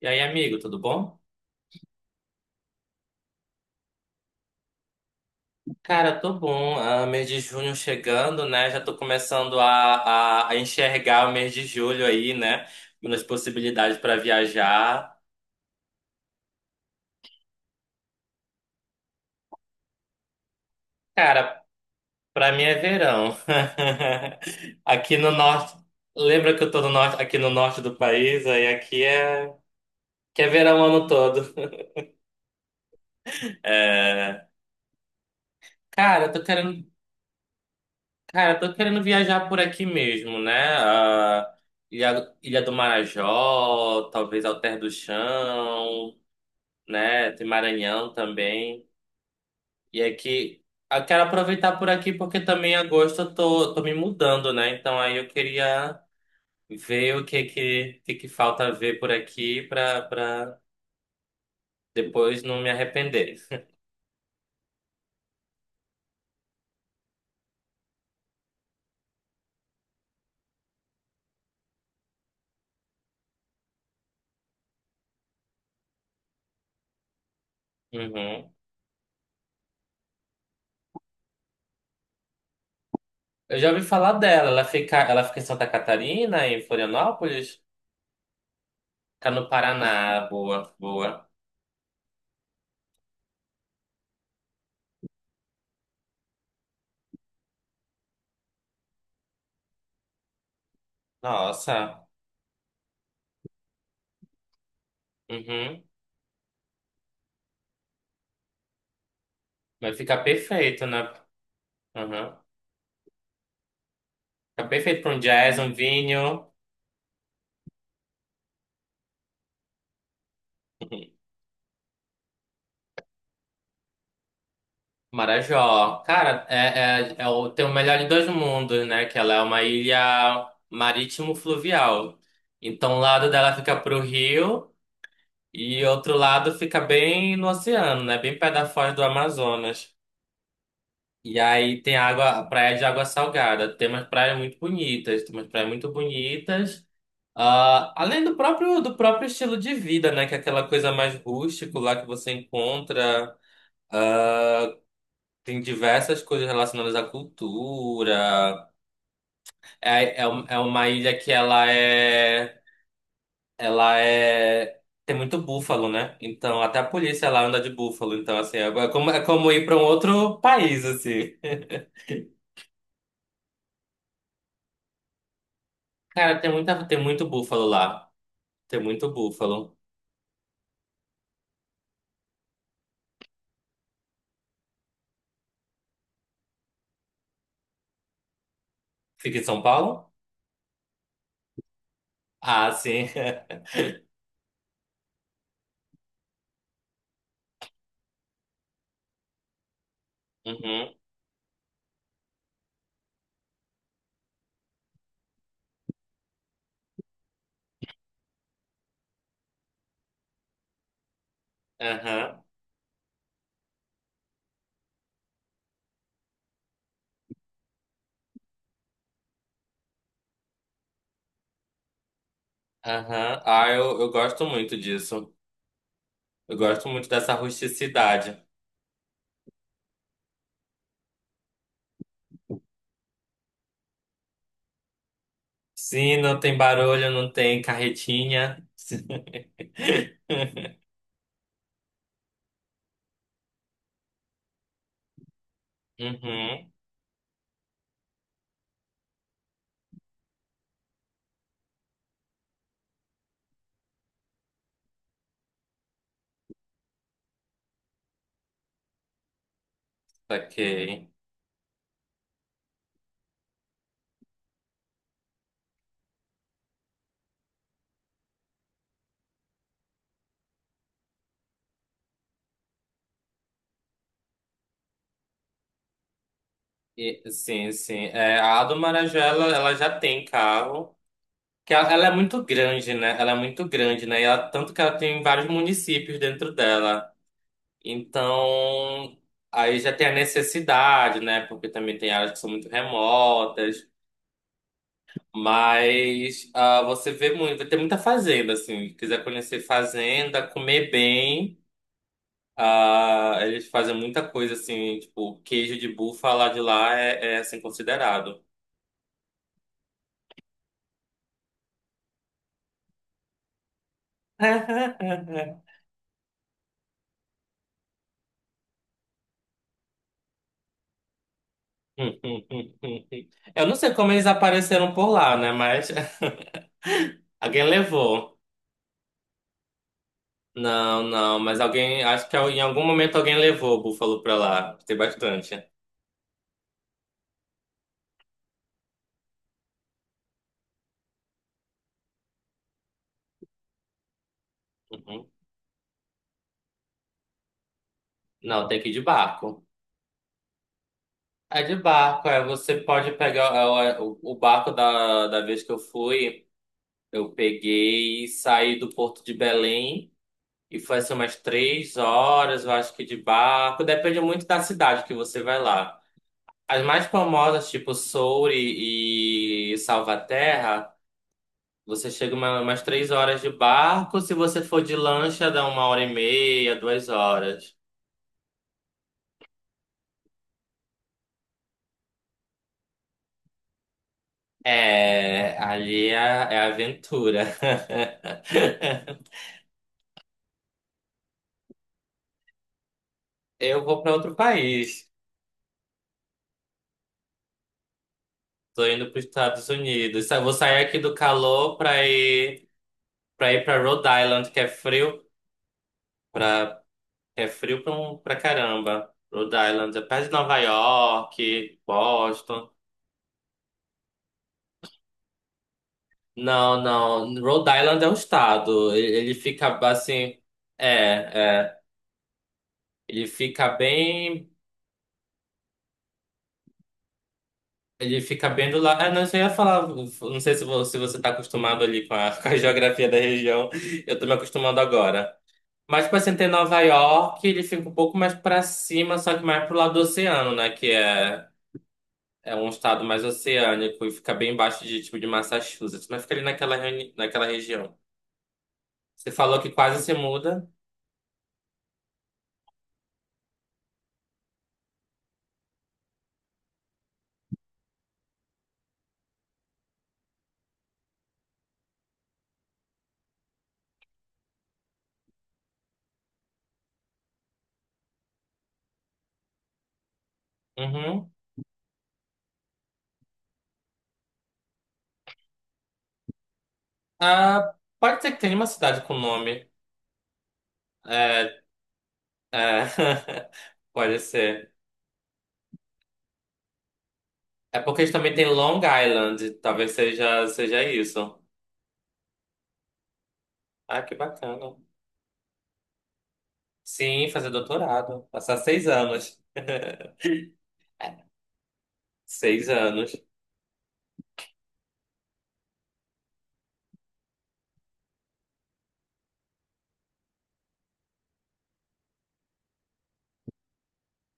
E aí, amigo, tudo bom? Cara, tô bom. Ah, mês de junho chegando, né? Já tô começando a enxergar o mês de julho aí, né? Nas possibilidades para viajar. Cara, pra mim é verão. Aqui no norte, lembra que eu tô no norte, aqui no norte do país, aí aqui é que é verão o ano todo. É, cara, eu tô querendo. Cara, eu tô querendo viajar por aqui mesmo, né? Ah, Ilha do Marajó, talvez Alter do Chão, né? Tem Maranhão também. E aqui, eu quero aproveitar por aqui porque também em agosto eu tô me mudando, né? Então aí eu queria ver o que que falta ver por aqui pra depois não me arrepender. Uhum. Eu já ouvi falar dela. Ela fica em Santa Catarina, em Florianópolis? Fica no Paraná. Boa, boa. Nossa, uhum. Vai ficar perfeito, né? Uhum. Fica perfeito para um jazz, um vinho. Marajó. Cara, tem o melhor de dois mundos, né? Que ela é uma ilha marítimo-fluvial. Então, um lado dela fica pro rio e outro lado fica bem no oceano, né? Bem pé da foz do Amazonas. E aí tem água, praia de água salgada. Tem umas praias muito bonitas, tem umas praias muito bonitas. Ah, além do próprio estilo de vida, né? Que é aquela coisa mais rústico lá que você encontra. Tem diversas coisas relacionadas à cultura. É uma ilha que ela é. Ela é. Tem muito búfalo, né? Então até a polícia lá anda de búfalo. Então, assim, é como ir para um outro país, assim. Cara, tem muito búfalo lá. Tem muito búfalo. Fica em São Paulo? Ah, sim. Uhum, aham, aham. Ah, eu gosto muito disso. Eu gosto muito dessa rusticidade. Sim, não tem barulho, não tem carretinha. Uhum, saquei. E, sim, sim. É, a do Marajó, ela já tem carro. Que ela é muito grande, né? Ela é muito grande, né? E tanto que ela tem vários municípios dentro dela. Então, aí já tem a necessidade, né? Porque também tem áreas que são muito remotas. Mas você vê muito, vai ter muita fazenda, assim. Se quiser conhecer fazenda, comer bem. Ah, eles fazem muita coisa, assim, tipo, queijo de búfala de lá é assim, considerado. Eu não sei como eles apareceram por lá, né? Mas alguém levou. Não, não, mas alguém, acho que em algum momento alguém levou o Búfalo pra lá. Tem bastante. Uhum. Não, tem que ir de barco. É de barco, você pode pegar o barco da vez que eu fui, eu peguei e saí do Porto de Belém e foi assim umas 3 horas, eu acho que de barco. Depende muito da cidade que você vai lá. As mais famosas, tipo Soure e Salvaterra. Você chega umas 3 horas de barco, se você for de lancha, dá 1 hora e meia, 2 horas. Ali é aventura. Eu vou para outro país. Tô indo para os Estados Unidos. Vou sair aqui do calor para ir para Rhode Island, que é frio, para é frio para caramba. Rhode Island é perto de Nova York, Boston. Não, não. Rhode Island é um estado. Ele fica assim. É, é. Ele fica bem. Ele fica bem do lado. Ah, não, isso eu ia falar. Não sei se você está acostumado ali com a, com a geografia da região. Eu estou me acostumando agora. Mas, tipo assim, tem Nova York, ele fica um pouco mais para cima, só que mais pro lado do oceano, né? Que é um estado mais oceânico e fica bem embaixo de, tipo, de Massachusetts. Mas fica ali naquela região. Você falou que quase se muda. Uhum. Ah, pode ser que tenha uma cidade com nome. É, é, pode ser. É porque eles também têm Long Island. Talvez seja isso. Ah, que bacana. Sim, fazer doutorado. Passar 6 anos. 6 anos.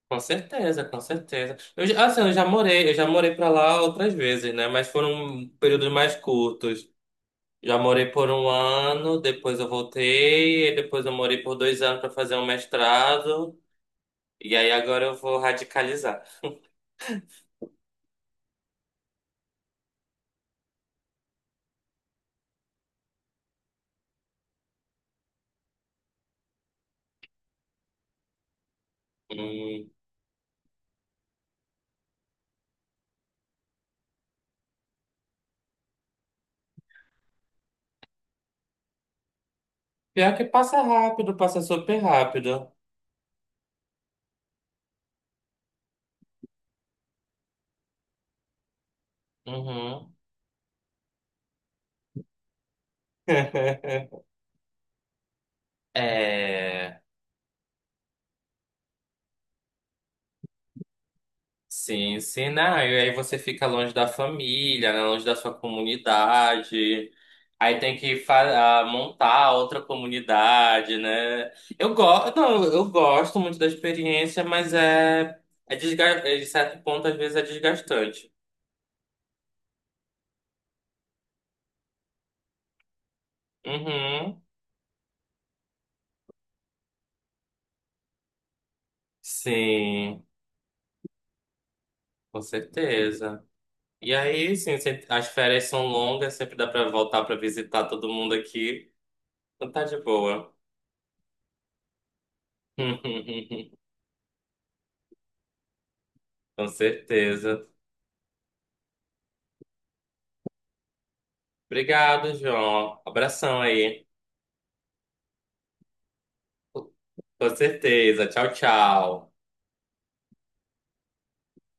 Com certeza, com certeza. Assim, eu já morei para lá outras vezes, né? Mas foram períodos mais curtos. Já morei por 1 ano, depois eu voltei, e depois eu morei por 2 anos para fazer um mestrado. E aí agora eu vou radicalizar. Hum, Pior que passa rápido, passa super rápido. Uhum. É, sim, sim, não. E aí você fica longe da família, né? Longe da sua comunidade. Aí tem que montar outra comunidade, né? Eu gosto, não, eu gosto muito da experiência, mas de certo ponto às vezes é desgastante. Uhum. Sim, com certeza. E aí, sim, as férias são longas, sempre dá pra voltar pra visitar todo mundo aqui. Então tá de boa. Com certeza. Obrigado, João. Abração aí. Com certeza. Tchau, tchau.